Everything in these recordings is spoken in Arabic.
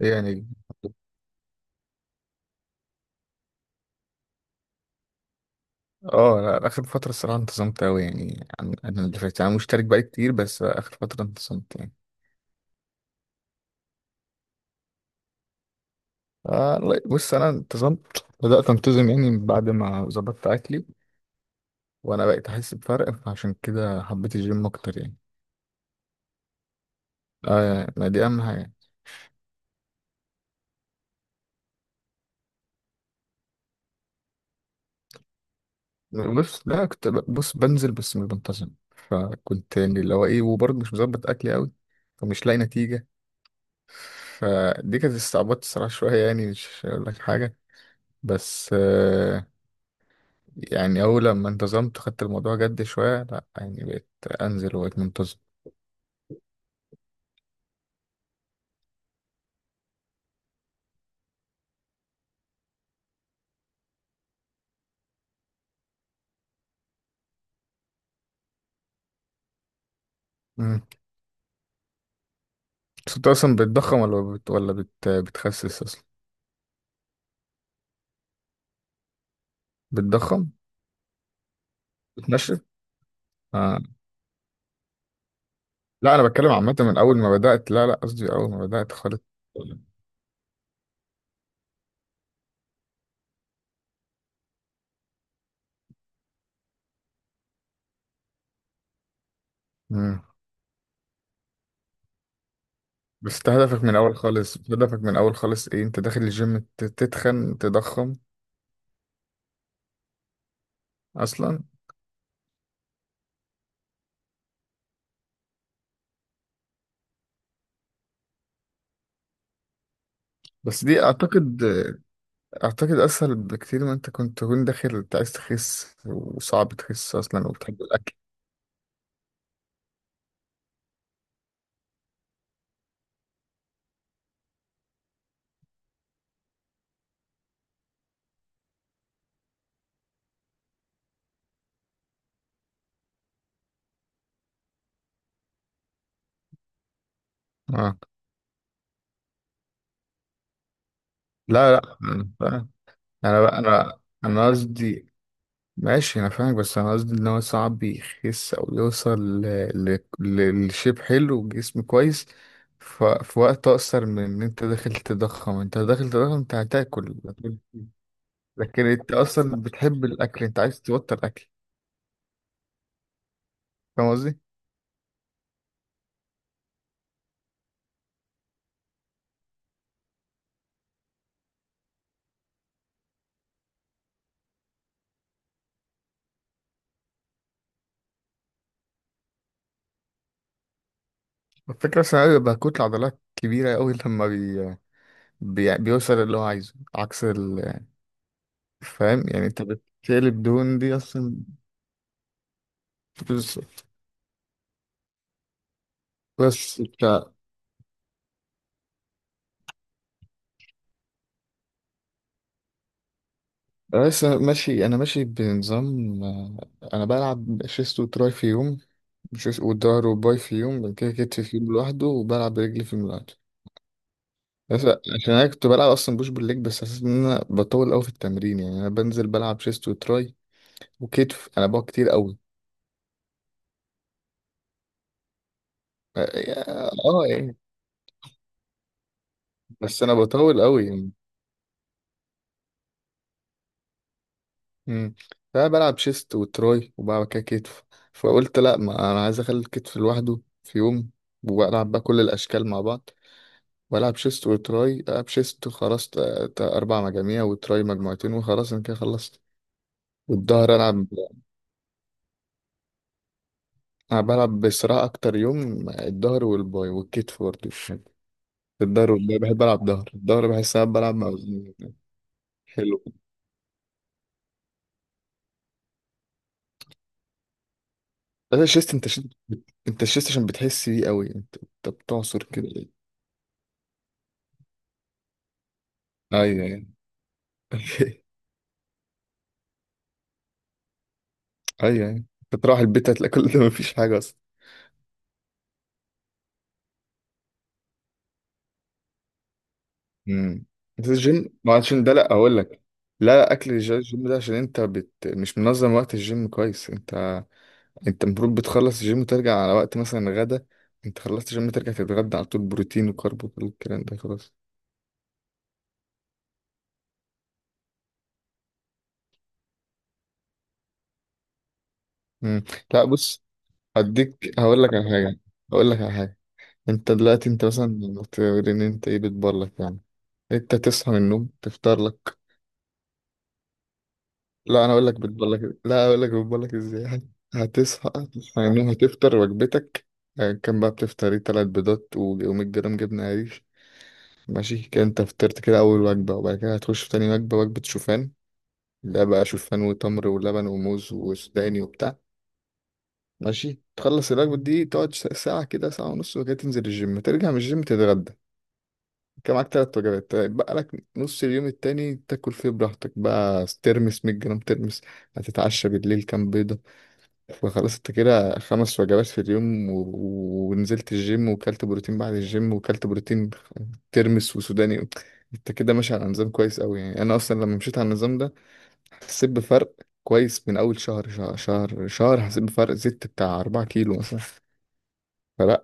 يعني اه لا اخر فترة الصراحة انتظمت اوي يعني عن انا اللي فاتت، انا مشترك بقالي كتير بس اخر فترة انتظمت يعني. لا، بص انا انتظمت، بدأت انتظم يعني بعد ما ظبطت اكلي وانا بقيت احس بفرق، فعشان كده حبيت الجيم اكتر يعني. اه، ما دي اهم حاجة. بص، لا كنت بص بنزل بس مش بنتظم، فكنت يعني اللي هو ايه، وبرضه مش مظبط اكلي اوي فمش لاقي نتيجة. فدي كانت استعبطت الصراحة شوية، يعني مش هقول لك حاجة. بس يعني أول لما انتظمت، خدت الموضوع جد شوية، لأ يعني بقيت أنزل وبقيت منتظم. مم. بس أنت أصلا بتضخم ولا بتخسس أصلا؟ بتضخم؟ بتنشف؟ آه. لا أنا بتكلم عامة من أول ما بدأت، لا، قصدي أول ما بدأت خالص. مم. بس انت هدفك من الاول خالص، ايه؟ انت داخل الجيم تتخن، تضخم اصلا؟ بس دي اعتقد، اسهل بكتير ما انت كنت تكون داخل انت عايز تخس وصعب تخس اصلا وبتحب الاكل. اه. لا، انا فاهم. انا بقى انا انا قصدي، ماشي انا فاهمك، بس انا قصدي ان هو صعب يخس او يوصل لشيب حلو وجسم كويس في وقت اقصر من ان انت داخل تضخم. انت هتاكل، لكن انت اصلا بتحب الاكل، انت عايز تبطل اكل؟ فاهم قصدي. الفكره بس انا بيبقى كتله عضلات كبيره قوي لما بيوصل اللي هو عايزه، عكس فاهم يعني؟ انت بتقلب دهون دي اصلا. بس بس بتاع. بس أنا ماشي، انا ماشي بنظام. آه، انا بلعب شيست وتراي في يوم، شيست وظهر وباي في يوم، بعد كده كتف في يوم لوحده، وبلعب رجلي في يوم لوحده. بس عشان انا كنت بلعب اصلا بوش بالليج، بس حسيت ان انا بطول قوي في التمرين، يعني انا بنزل بلعب شيست وتراي وكتف، انا بقى كتير قوي. اه. آه، يعني بس انا بطول قوي يعني. امم. فأنا بلعب شيست وتراي وبعد كده كتف، فقلت لا، ما انا عايز اخلي الكتف لوحده في يوم، والعب بقى كل الاشكال مع بعض، والعب شيست وتراي، العب شيست خلاص 4 مجاميع وتراي مجموعتين وخلاص انا كده خلصت، والظهر العب. انا بلعب بصراحه اكتر يوم الظهر والباي والكتف برضه الظهر والباي بحب العب ظهر، الظهر بحس إن انا بلعب مع، حلو ده الشيست، انت شيست، انت الشيست عشان بتحس بيه قوي، انت بتعصر كده. ايوه ايوه ايوه ايوه، انت تروح البيت هتلاقي كل ده مفيش حاجه اصلا. امم. بس الجيم ما عشان ده، لا اقول لك، لا لا، اكل الجيم ده، عشان انت مش منظم وقت الجيم كويس انت، انت المفروض بتخلص الجيم وترجع على وقت مثلا غدا، انت خلصت الجيم ترجع تتغدى على طول، بروتين وكارب وكل الكلام ده خلاص. امم. لا بص، هديك هقول لك على حاجه، هقول لك على حاجه انت دلوقتي انت مثلا بتقول ان انت ايه، بتبرلك يعني، انت تصحى من النوم تفطر لك. لا انا اقول لك بتبرلك لا اقول لك بتبرلك ازاي هتصحى، تصحى من النوم هتفطر وجبتك، اه، كان بقى بتفطر ايه، 3 بيضات و100 جرام جبنة قريش، ماشي كده انت فطرت كده اول وجبة، وبعد كده هتخش في تاني وجبة، وجبة شوفان، ده بقى شوفان وتمر ولبن وموز وسوداني وبتاع، ماشي تخلص الوجبة دي تقعد ساعة كده، ساعة ونص وكده، تنزل الجيم، ترجع من الجيم تتغدى، كان معاك 3 وجبات، طيب بقى لك نص اليوم التاني تاكل فيه براحتك، بقى ترمس، 100 جرام ترمس، هتتعشى بالليل كام بيضة، فخلاص انت كده 5 وجبات في اليوم ونزلت الجيم وكلت بروتين، بعد الجيم وكلت بروتين، ترمس وسوداني، انت كده ماشي على نظام كويس قوي يعني، انا اصلا لما مشيت على النظام ده حسيت بفرق كويس من اول شهر، شهر حسيت بفرق زدت بتاع 4 كيلو مثلا، فلا،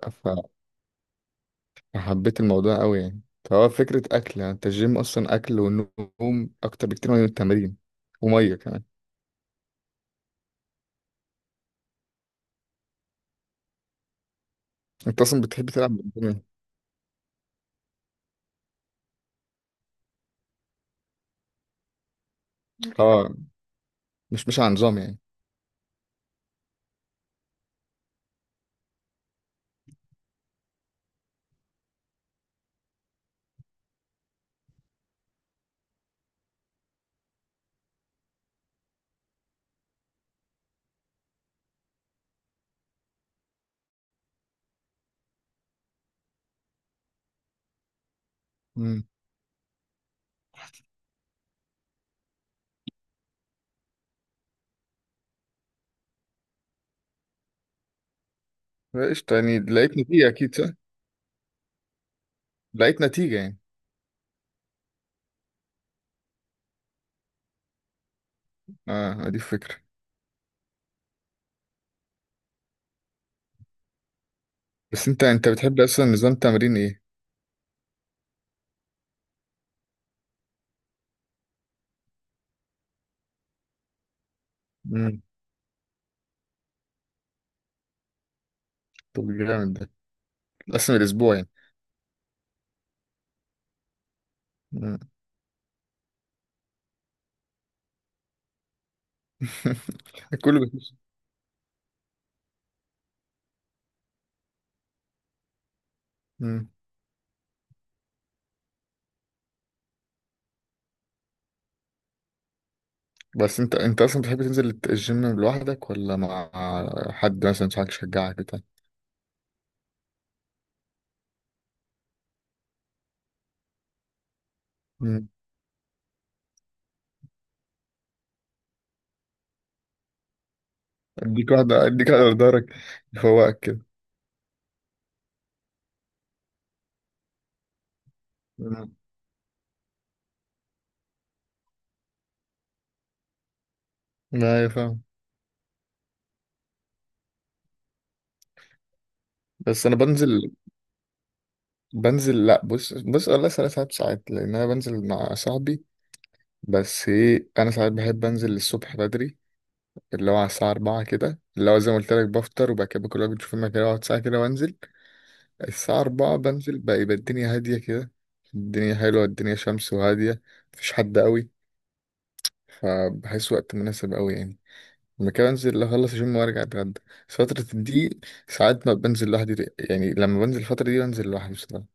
حبيت الموضوع قوي يعني، فهو فكرة أكل، يعني أنت الجيم أصلا أكل ونوم أكتر بكتير من التمارين، و100 كمان. أنت أصلا بتحب تلعب بالدنيا. أه، مش على نظام يعني. امم. قشطة، يعني لقيت نتيجة أكيد صح؟ لقيت نتيجة يعني. أه دي الفكرة. بس أنت بتحب أصلا نظام تمرين إيه؟ امم. طب جامد ده، قسم الأسبوع يعني. امم كله بيخش. امم. بس أنت أصلا بتحب تنزل الجيم لوحدك ولا مع حد مثلا، صاحبك يشجعك بتاع، اديك واحدة، بدارك يفوقك كده. مم. ما هي فاهم. بس انا بنزل، لا بص، والله 3 ساعات، لان انا بنزل مع صاحبي، بس ايه، انا ساعات بحب انزل الصبح بدري اللي هو على الساعة 4 كده، اللي هو زي ما قلت لك بفطر وبعد كده كل واحد بيشوف المكان، اقعد ساعة كده وانزل، الساعة 4 بنزل بقى، يبقى الدنيا هادية كده، الدنيا حلوة، الدنيا شمس وهادية، مفيش حد قوي، فبحس وقت مناسب قوي يعني، ممكن انزل اخلص الجيم وارجع اتغدى. بس فترة دي ساعات ما بنزل لوحدي يعني، لما بنزل الفترة دي بنزل لوحدي بصراحة.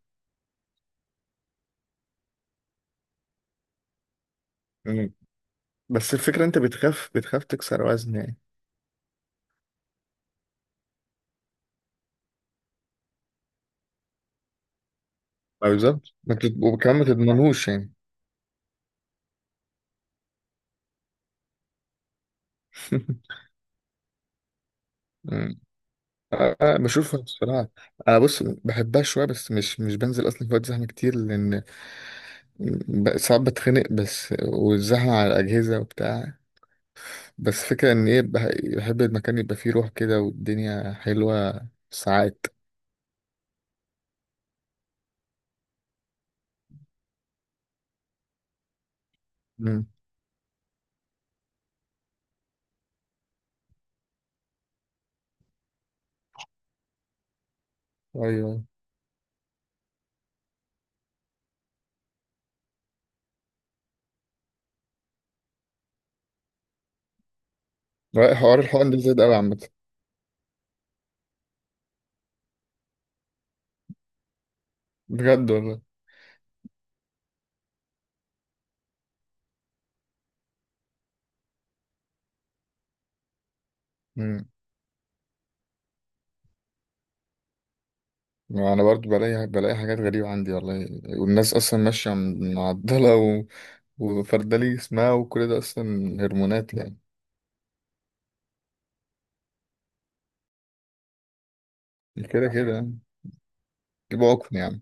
مم. بس الفكرة انت بتخاف تكسر وزن يعني. ما بالظبط ما وكمان ما تضمنهوش يعني. أمم. آه، آه، بشوفها بصراحة، أنا بص بحبها شوية بس مش بنزل أصلا في وقت زحمة كتير، لأن ساعات بتخنق بس والزحمة على الأجهزة وبتاع، بس فكرة إن إيه، بحب المكان يبقى فيه روح كده والدنيا حلوة ساعات. أمم. أيوه. لا، حوار الحقن ده زاد قوي عامة. بجد والله. مم. ما انا برضو بلاقي، حاجات غريبة عندي والله، والناس اصلا ماشية معضلة وفردلي اسمها وكل ده اصلا هرمونات يعني، كده كده يعني، يبقى عقم يعني.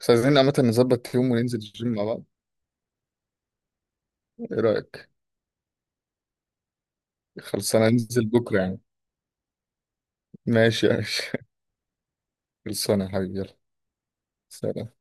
بس عايزين عامة نظبط يوم وننزل الجيم مع بعض، ايه رأيك؟ خلصانة ننزل بكرة يعني؟ ماشي يا باشا خلصانة يا حبيبي، يلا، سلام.